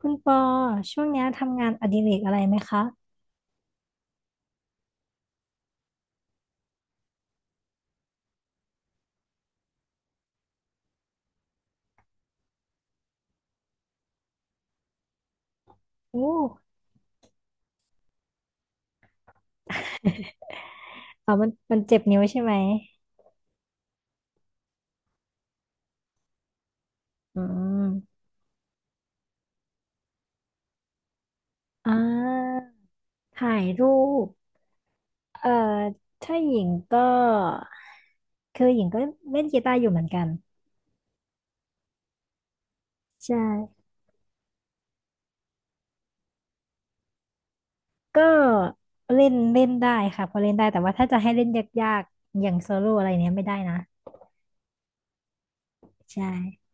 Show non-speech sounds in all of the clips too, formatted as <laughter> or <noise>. คุณปอช่วงเนี้ยทำงานอดิเรกอะไรไหมคะโอ้มันเจ็บนิ้วใช่ไหมอืมอ่าถ่ายรูปเอ่อถ้าหญิงก็คือหญิงก็เล่นกีตาร์อยู่เหมือนกันใช่ก็เล่นเล่นได้ค่ะพอเล่นได้แต่ว่าถ้าจะให้เล่นยากๆอย่างโซโล่อะไรเนี้ยไม่ได้นะใช่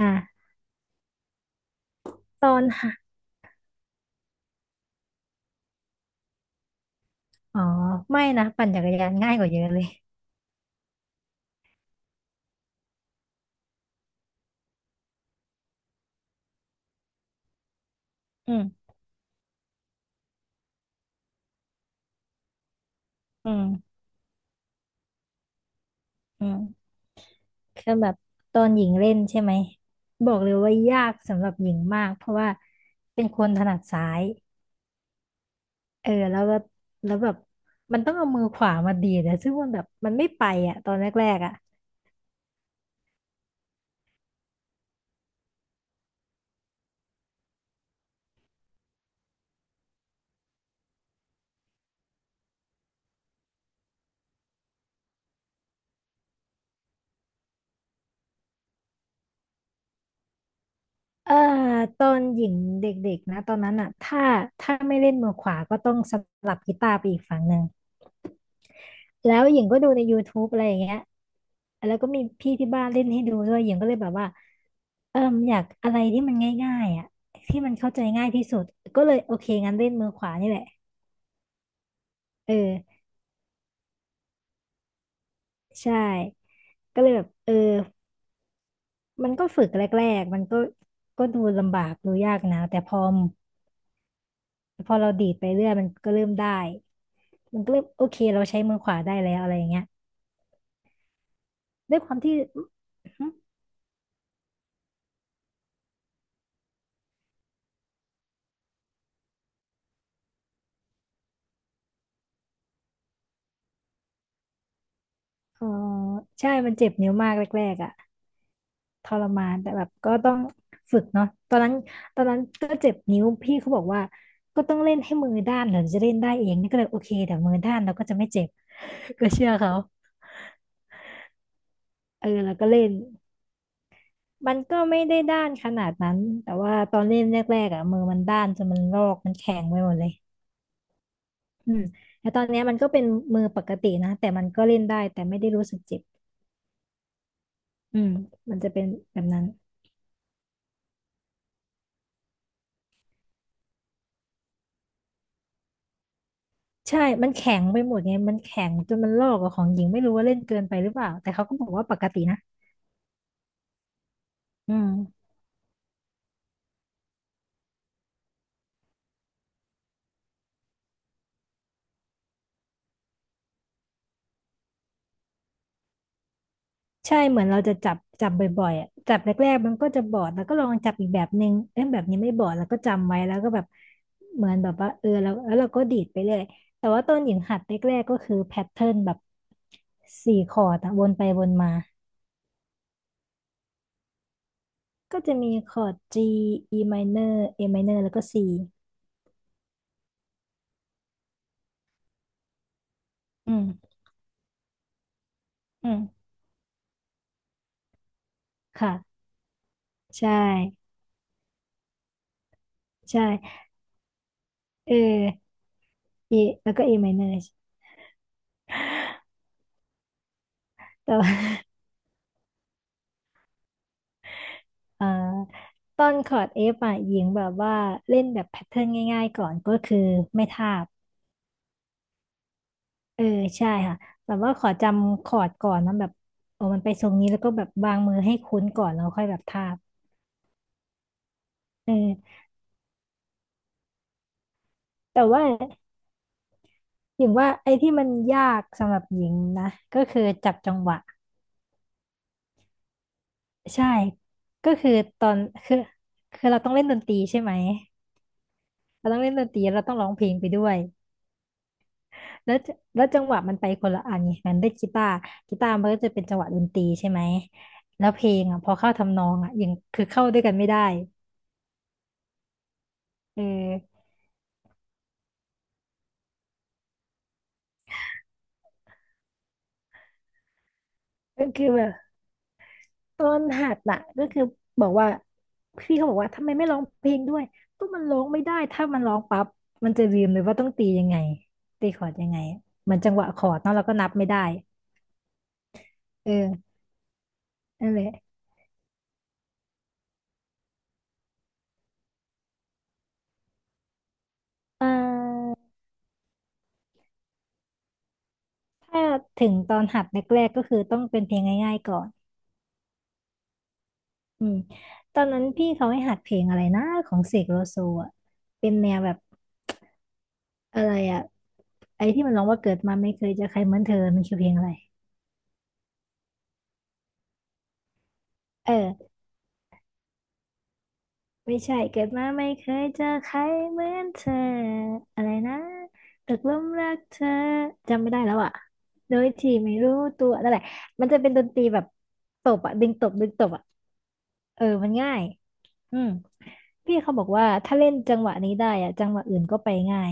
อ่ะตอนค่ะอ๋อไม่นะปั่นจักรยานง่ายกว่าเยอะเลยอืมอืมอืม คือแบบตอนหญิงเล่นใช่ไหมบอกเลยว่ายากสำหรับหญิงมากเพราะว่าเป็นคนถนัดซ้ายเออแล้วก็แล้วแบบมันต้องเอามือขวามาดีดอะซึ่งมันแบบมันไม่ไปอ่ะตอนแรกๆอ่ะเออตอนหญิงเด็กๆนะตอนนั้นอ่ะถ้าถ้าไม่เล่นมือขวาก็ต้องสลับกีตาร์ไปอีกฝั่งหนึ่งแล้วหญิงก็ดูใน YouTube อะไรอย่างเงี้ยแล้วก็มีพี่ที่บ้านเล่นให้ดูด้วยหญิงก็เลยแบบว่า เอิ่มอยากอะไรที่มันง่ายๆอ่ะที่มันเข้าใจง่ายที่สุดก็เลยโอเคงั้นเล่นมือขวานี่แหละเออใช่ก็เลยแบบมันก็ฝึกแรกๆมันก็ดูลำบากดูยากนะแต่พอพอเราดีดไปเรื่อยมันก็เริ่มได้มันก็เริ่มโอเคเราใช้มือขวาได้แล้วอะไรอย่างเงี้ยด้วยความที่อ๋อใช่มันเจ็บนิ้วมากแรกๆอ่ะ ทรมานแต่แบบก็ต้องฝึกเนาะตอนนั้นตอนนั้นก็เจ็บนิ้วพี่เขาบอกว่าก็ต้องเล่นให้มือด้านถึงจะเล่นได้เองนี่ก็เลยโอเคแต่มือด้านเราก็จะไม่เจ็บ <laughs> ก็เชื่อเขาเออแล้วก็เล่นมันก็ไม่ได้ด้านขนาดนั้นแต่ว่าตอนเล่นแรกๆอ่ะมือมันด้านจนมันลอกมันแข็งไปหมดเลยอืมแต่ตอนเนี้ยมันก็เป็นมือปกตินะแต่มันก็เล่นได้แต่ไม่ได้รู้สึกเจ็บอืมมันจะเป็นแบบนั้น ใช่ มันแข็งไปหมดไง มันแข็งจนมันลอกกับของหญิงไม่รู้ว่าเล่นเกินไปหรือเปล่าแต่เขาก็บอกว่าปกตินะอืมใช่เหมือนเราจะจับบ่อยๆอ่ะจับแรกๆมันก็จะบอดแล้วก็ลองจับอีกแบบนึงเอ้ยแบบนี้ไม่บอดแล้วก็จำไว้แล้วก็แบบเหมือนแบบว่าเออแล้วเราก็ดีดไปเรื่อยแต่ว่าต้นหญิงหัดแรกๆก็คือแพทเทิร์นแบบสี่คอร์ดอะวนไปวนมาก็จะมีคอร์ด G E minor A minor แล้วก็ C อืมอืมค่ะใช่ใช่เออ E แล้วก็ A minor แต่ว่า <laughs> เอ่อต้นคอร์ด F อ่ะหญิงแบบว่าเล่นแบบแพทเทิร์นง่ายๆก่อนก็คือไม่ทาบเออใช่ค่ะแบบว่าขอจำคอร์ดก่อนนะแบบโอ้มันไปทรงนี้แล้วก็แบบวางมือให้คุ้นก่อนแล้วค่อยแบบทาบเออแต่ว่าหญิงว่าไอ้ที่มันยากสำหรับหญิงนะก็คือจับจังหวะใช่ก็คือตอนคือคือเราต้องเล่นดนตรีใช่ไหมเราต้องเล่นดนตรีเราต้องร้องเพลงไปด้วย แล้วจังหวะมันไปคนละอันไงมันได้กีตาร์กีตาร์มันก็จะเป็นจังหวะดนตรีใช่ไหม แล้วเพลงอ่ะพอเข้าทำนองอ่ะยังคือเข้าด้วยกันไม่ได้เออก็คือแบบต้นหัดน่ะก็คือบอกว่าพี่เขาบอกว่าทำไมไม่ร้องเพลงด้วยก็มันร้องไม่ได้ถ้ามันร้องปั๊บมันจะลืมเลยว่าต้องตียังไงตีคอร์ดยังไงเหมือนจังหวะคอร์ดเนาะเราก็นับไม่ได้เออนั่นแหละเออถ้าถึงตอนหัดแรกๆก็คือต้องเป็นเพลงง่ายๆก่อน อืมตอนนั้นพี่เขาให้หัดเพลงอะไรนะของเสกโลโซอ่ะเป็นแนวแบบอะไรอ่ะไอ้ที่มันร้องว่าเกิดมาไม่เคยเจอใครเหมือนเธอมันคือเพลงอะไรเออไม่ใช่เกิดมาไม่เคยเจอใครเหมือนเธออะไรนะตกหลุมรักเธอจำไม่ได้แล้วอ่ะโดยที่ไม่รู้ตัวนั่นแหละมันจะเป็นดนตรีแบบตบอ่ะดึงตบดึงตบอ่ะเออมันง่ายอืมพี่เขาบอกว่าถ้าเล่นจังหวะนี้ได้อ่ะจังหวะอื่นก็ไปง่าย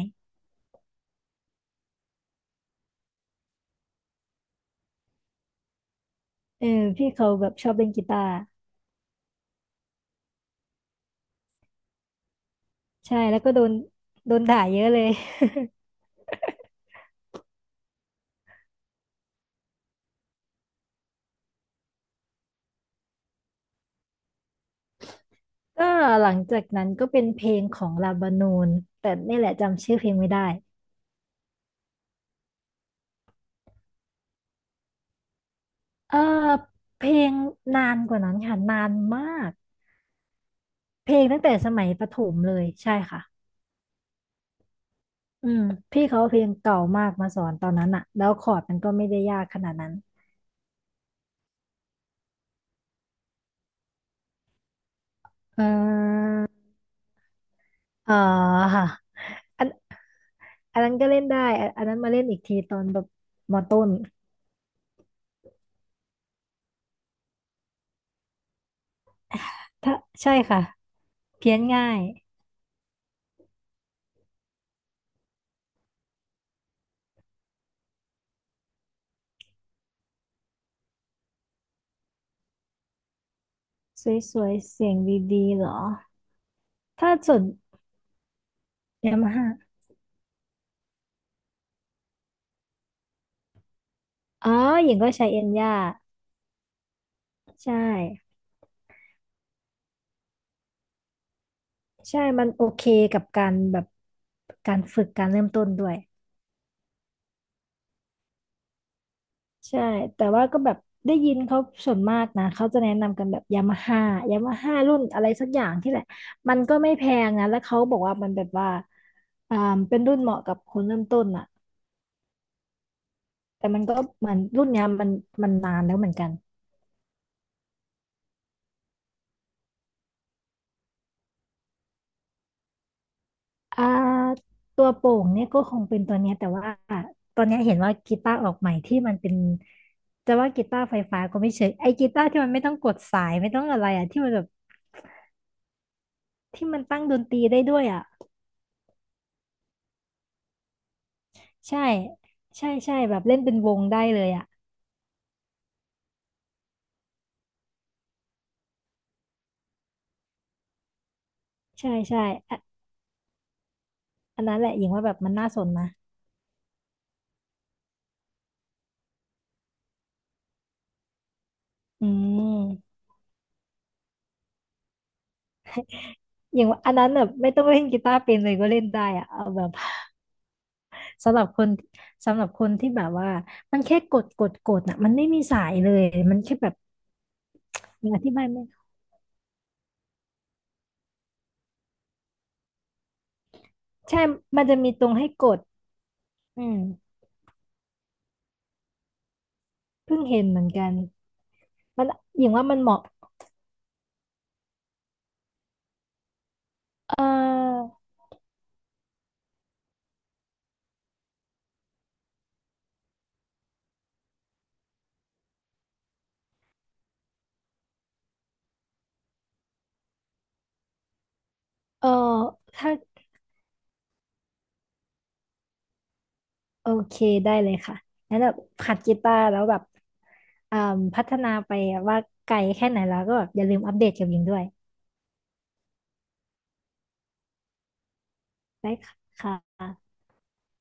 เออพี่เขาแบบชอบเล่นกีตาร์ใช่แล้วก็โดนด่าเยอะเลย <laughs> ก็หลังจากนั้นก็เป็นเพลงของลาบานูนแต่นี่แหละจำชื่อเพลงไม่ได้เออเพลงนานกว่านั้นค่ะนานมากเพลงตั้งแต่สมัยประถมเลยใช่ค่ะอืมพี่เขาเอาเพลงเก่ามากมาสอนตอนนั้นอะแล้วคอร์ดมันก็ไม่ได้ยากขนาดนั้นเออเออค่ะอันอันนั้นก็เล่นได้อันนั้นมาเล่นอีกทีตอนแบบมต้นถ้าใช่ค่ะเพี้ยนง่าย สวยๆเสียงดีๆเหรอ ถ้าส่วนยามาฮ่าอ๋อหญิงก็ใช้เอ็นย่าใช่ ใช่ มันโอเคกับการแบบการฝึกการเริ่มต้นด้วย ใช่ แต่ว่าก็แบบได้ยินเขาส่วนมากนะ เขาจะแนะนำกันแบบยามาฮ่ายามาฮ่ารุ่นอะไรสักอย่างที่แหละ มันก็ไม่แพงนะ แล้วเขาบอกว่ามันแบบว่าอ่าเป็นรุ่นเหมาะกับคนเริ่มต้นอ่ะแต่มันก็เหมือนรุ่นเนี้ยมันนานแล้วเหมือนกัน อ่าตัวโปร่งเนี่ยก็คงเป็นตัวเนี้ยแต่ว่าตอนเนี้ยเห็นว่ากีตาร์ออกใหม่ที่มันเป็นจะว่ากีตาร์ไฟฟ้าก็ไม่เชิงไอ้กีตาร์ที่มันไม่ต้องกดสายไม่ต้องอะไรอ่ะที่มันแบบที่มันตั้งดนตรีได้ด้วยอ่ะใช่ใช่ใช่แบบเล่นเป็นวงได้เลยอ่ะใช่ใช่อะอันนั้นแหละหญิงว่าแบบมันน่าสนนะอืม <laughs> อย่างว่าอันนั้นแบบไม่ต้องเล่นกีตาร์เป็นเลยก็เล่นได้อะเอาแบบสำหรับคนสำหรับคนที่แบบว่ามันแค่กดกดกดน่ะมันไม่มีสายเลยมันแค่แบบ อธิบายไม่ใช่มันจะมีตรงให้กดอืมเพิ่งเห็นเหมือนกันมันอย่างว่ามันเหมาะเออเออถ้าโอเคได้เลยค่ะงั้นแบบหัดกีตาร์แล้วแบบอ่าพัฒนาไปว่าไกลแค่ไหนแล้วก็แบบอย่าลืมอัปเดตกับยิงด้วยได้ค่ะ